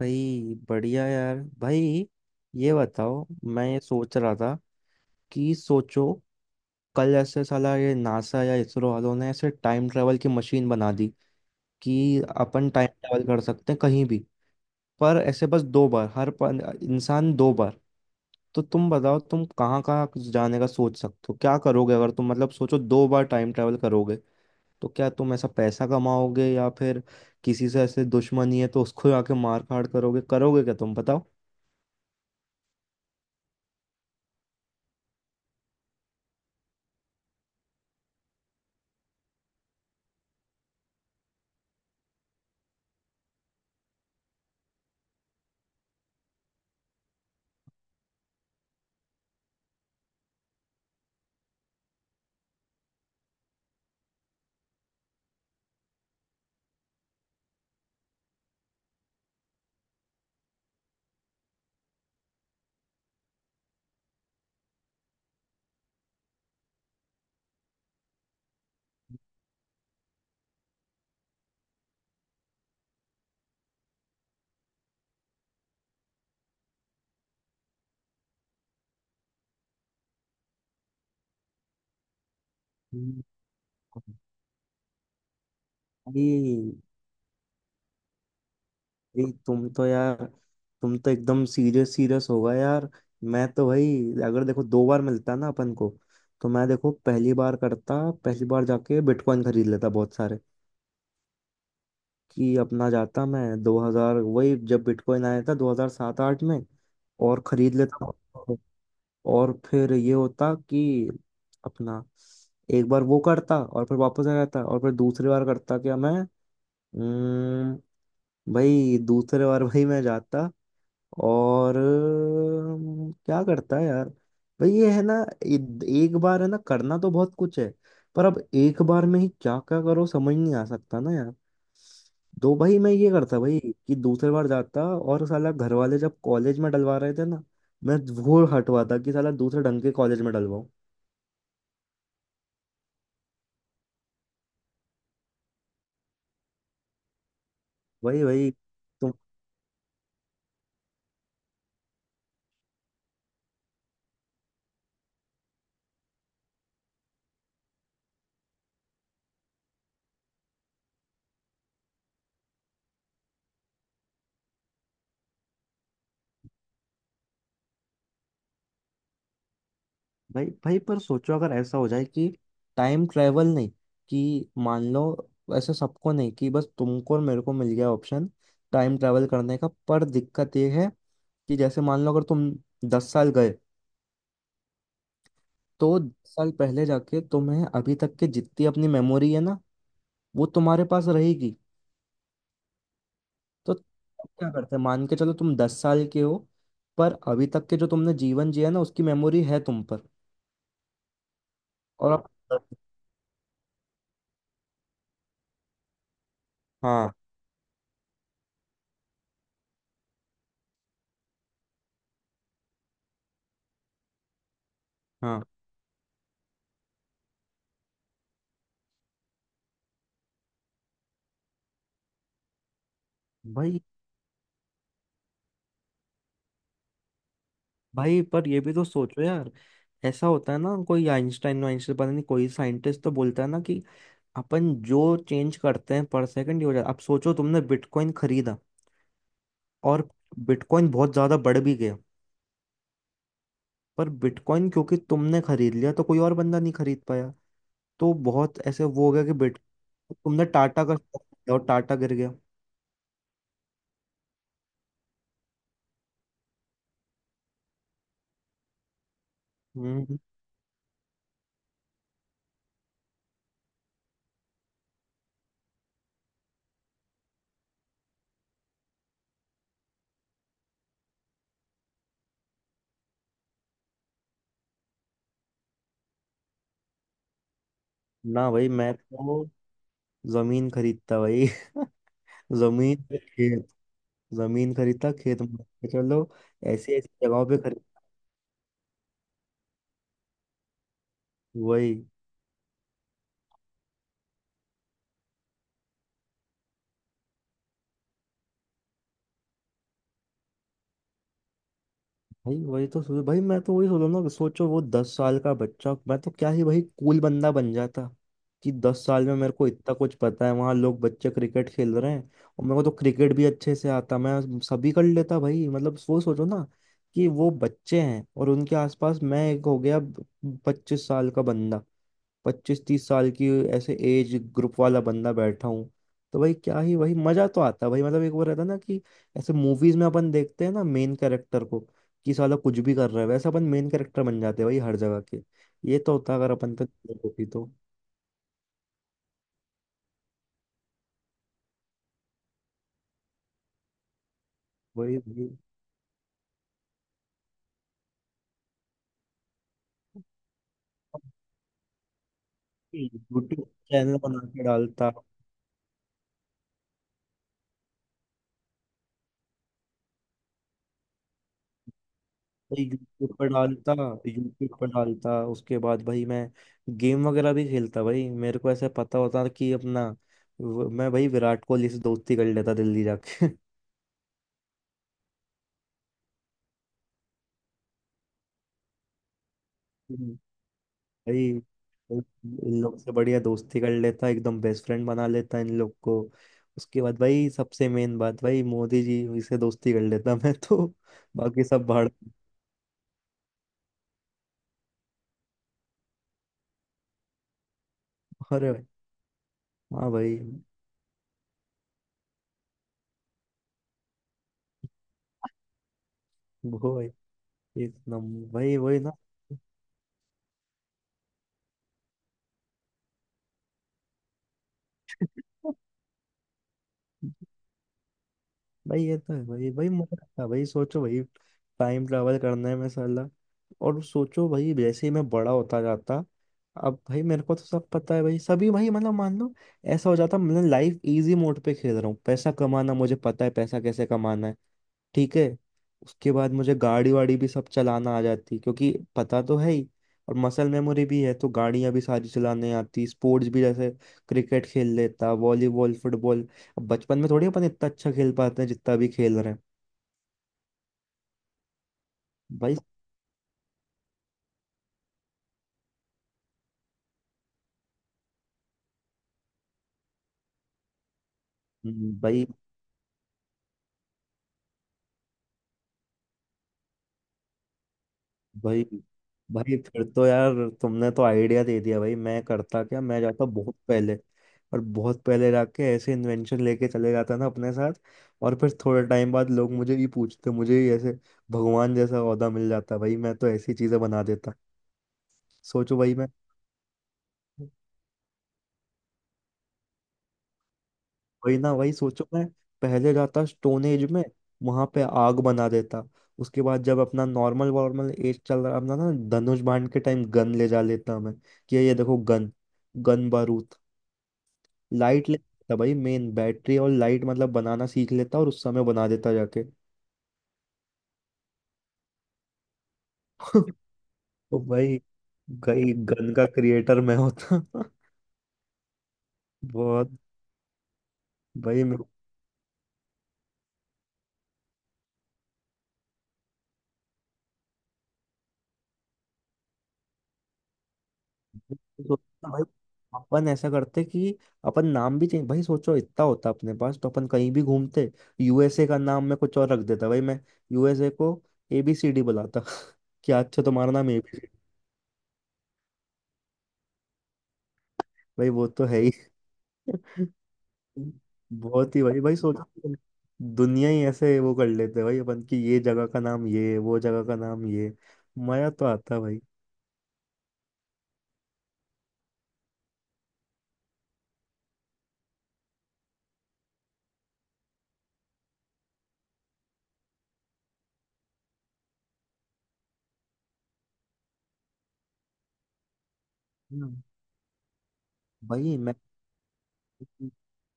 भाई बढ़िया यार भाई। ये बताओ, मैं ये सोच रहा था कि सोचो, कल ऐसे साला ये नासा या इसरो वालों ने ऐसे टाइम ट्रेवल की मशीन बना दी कि अपन टाइम ट्रेवल कर सकते हैं कहीं भी, पर ऐसे बस दो बार। इंसान दो बार। तो तुम बताओ, तुम कहाँ कहाँ जाने का सोच सकते हो, क्या करोगे अगर तुम मतलब सोचो दो बार टाइम ट्रैवल करोगे। तो क्या तुम ऐसा पैसा कमाओगे या फिर किसी से ऐसे दुश्मनी है तो उसको आके मार काट करोगे? करोगे क्या, तुम बताओ। भाई भाई, तुम तो यार, तुम तो एकदम सीरियस सीरियस होगा यार। मैं तो भाई, अगर देखो दो बार मिलता ना अपन को, तो मैं देखो पहली बार करता। पहली बार जाके बिटकॉइन खरीद लेता बहुत सारे। कि अपना जाता मैं 2000, वही जब बिटकॉइन आया था 2007 आठ में, और खरीद लेता। और फिर ये होता कि अपना एक बार वो करता और फिर वापस आ जाता और फिर दूसरी बार करता क्या मैं। अम्म, भाई दूसरे बार भाई मैं जाता और क्या करता है यार। भाई ये है ना, इ- एक बार है ना, करना तो बहुत कुछ है, पर अब एक बार में ही क्या क्या करो समझ नहीं आ सकता ना यार। तो भाई मैं ये करता भाई, कि दूसरी बार जाता और साला घर वाले जब कॉलेज में डलवा रहे थे ना, मैं वो हटवाता, कि साला दूसरे ढंग के कॉलेज में डलवाऊं। भाई भाई। भाई भाई, पर सोचो अगर ऐसा हो जाए कि टाइम ट्रेवल नहीं, कि मान लो ऐसा सबको नहीं, कि बस तुमको और मेरे को मिल गया ऑप्शन टाइम ट्रेवल करने का, पर दिक्कत ये है कि जैसे मान लो अगर तुम दस साल गए, तो दस साल पहले जाके तुम्हें अभी तक के जितनी अपनी मेमोरी है ना, वो तुम्हारे पास रहेगी। तो अब क्या करते हैं, मान के चलो तुम दस साल के हो, पर अभी तक के जो तुमने जीवन जिया ना उसकी मेमोरी है तुम पर। और अब, हाँ, हाँ। भाई भाई, पर ये भी तो सोचो यार। ऐसा होता है ना, कोई आइंस्टाइन वाइंस्टाइन पता नहीं, कोई साइंटिस्ट तो बोलता है ना कि अपन जो चेंज करते हैं पर सेकंड हो जाता। अब सोचो तुमने बिटकॉइन खरीदा और बिटकॉइन बहुत ज्यादा बढ़ भी गया, पर बिटकॉइन क्योंकि तुमने खरीद लिया तो कोई और बंदा नहीं खरीद पाया। तो बहुत ऐसे वो हो गया कि बिट, तुमने टाटा का stock खरीदा और टाटा गिर गया। हम्म। ना भाई, मैं तो जमीन खरीदता भाई जमीन पे खेत, जमीन खरीदता खेत में रखता। चलो, ऐसी ऐसी जगहों पे खरीद। वही भाई, वही तो सोच भाई, मैं तो वही सोच रहा हूँ ना। सोचो वो दस साल का बच्चा, मैं तो क्या ही भाई कूल बंदा बन जाता। कि दस साल में मेरे को इतना कुछ पता है, वहां लोग बच्चे क्रिकेट खेल रहे हैं और मेरे को तो क्रिकेट भी अच्छे से आता, मैं सभी कर लेता भाई। मतलब वो सोचो ना, कि वो बच्चे हैं और उनके आसपास मैं एक हो गया पच्चीस साल का बंदा, पच्चीस तीस साल की ऐसे एज ग्रुप वाला बंदा बैठा हूँ। तो भाई क्या ही, वही मजा तो आता है भाई। मतलब एक वो रहता है ना कि ऐसे मूवीज में अपन देखते हैं ना मेन कैरेक्टर को, कि साला कुछ भी कर रहा है, वैसे अपन मेन कैरेक्टर बन जाते हैं भाई हर जगह के। ये तो होता अगर अपन पे नजर होती तो। वही वही। यूट्यूब चैनल बना के डालता भाई, यूट्यूब पर डालता। यूट्यूब पर डालता, उसके बाद भाई मैं गेम वगैरह भी खेलता भाई। मेरे को ऐसा पता होता कि अपना, मैं भाई विराट कोहली से दोस्ती कर लेता दिल्ली जाके हम्म। भाई इन लोग से बढ़िया दोस्ती कर लेता, एकदम बेस्ट फ्रेंड बना लेता इन लोग को। उसके बाद भाई सबसे मेन बात, भाई मोदी जी से दोस्ती कर लेता मैं तो बाकी सब भाड़। अरे भाई, हाँ भाई। वो भाई, एक नंबर भाई। वही ना। भाई ये तो है भाई। भाई मजा आता है भाई, सोचो भाई, टाइम ट्रैवल करना है। मैं साला, और सोचो भाई जैसे ही मैं बड़ा होता जाता, अब भाई मेरे को तो सब पता है भाई, सभी भाई। मतलब मान लो ऐसा हो जाता, मतलब लाइफ इजी मोड पे खेल रहा हूँ। पैसा कमाना मुझे पता है, पैसा कैसे कमाना है, ठीक है। उसके बाद मुझे गाड़ी वाड़ी भी सब चलाना आ जाती क्योंकि पता तो है ही, और मसल मेमोरी भी है तो गाड़ियां भी सारी चलाने आती। स्पोर्ट्स भी जैसे क्रिकेट खेल लेता, वॉलीबॉल, फुटबॉल। अब बचपन में थोड़ी अपन इतना अच्छा खेल पाते हैं जितना भी खेल रहे हैं भाई। भाई भाई भाई, फिर तो यार तुमने तो आइडिया दे दिया भाई। मैं करता क्या, मैं जाता बहुत पहले, और बहुत पहले जाके ऐसे इन्वेंशन लेके चले जाता ना अपने साथ। और फिर थोड़े टाइम बाद लोग मुझे ये पूछते, मुझे ही ऐसे भगवान जैसा ओहदा मिल जाता भाई। मैं तो ऐसी चीजें बना देता, सोचो भाई। मैं, वही ना, वही सोचो। मैं पहले जाता स्टोन एज में, वहां पे आग बना देता। उसके बाद जब अपना नॉर्मल वॉर्मल एज चल रहा अपना ना, धनुष बाण के टाइम गन ले जा लेता मैं। कि ये देखो गन, गन बारूद लाइट ले, था भाई मेन बैटरी और लाइट मतलब बनाना सीख लेता और उस समय बना देता जाके तो भाई, गई गन का क्रिएटर मैं होता बहुत भाई, मैं सोचता भाई, अपन ऐसा करते कि अपन नाम भी चेंज। भाई सोचो, इतना होता अपने पास तो अपन कहीं भी घूमते। यूएसए का नाम मैं कुछ और रख देता भाई। मैं यूएसए को एबीसीडी बुलाता क्या अच्छा तुम्हारा नाम एबीसीडी। भाई वो तो है ही, बहुत ही भाई। भाई सोचो कि दुनिया ही ऐसे वो कर लेते हैं भाई अपन की, ये जगह का नाम ये, वो जगह का नाम ये। मजा तो आता है भाई। हम्म। भाई मैं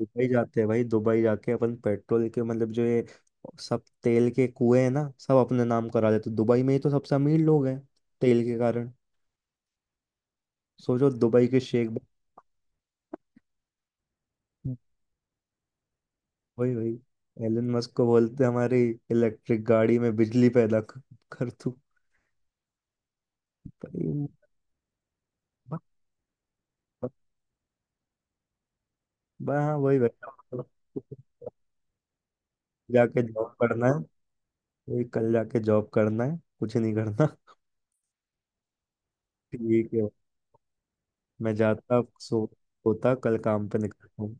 दुबई जाते हैं भाई। दुबई जाके अपन पेट्रोल के मतलब जो ये सब तेल के कुएं हैं ना सब अपने नाम करा देते। दुबई में ही तो सबसे अमीर लोग हैं तेल के कारण। सोचो दुबई के शेख, भाई भाई। भाई एलन मस्क को बोलते हैं, हमारी इलेक्ट्रिक गाड़ी में बिजली पैदा कर कर तू। भाई बस, हाँ वही भाई, जाके जॉब करना है। वही कल जाके जॉब करना है, कुछ नहीं करना ठीक है, मैं जाता, सो होता, कल काम पे निकलता हूँ।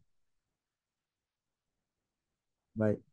Bye.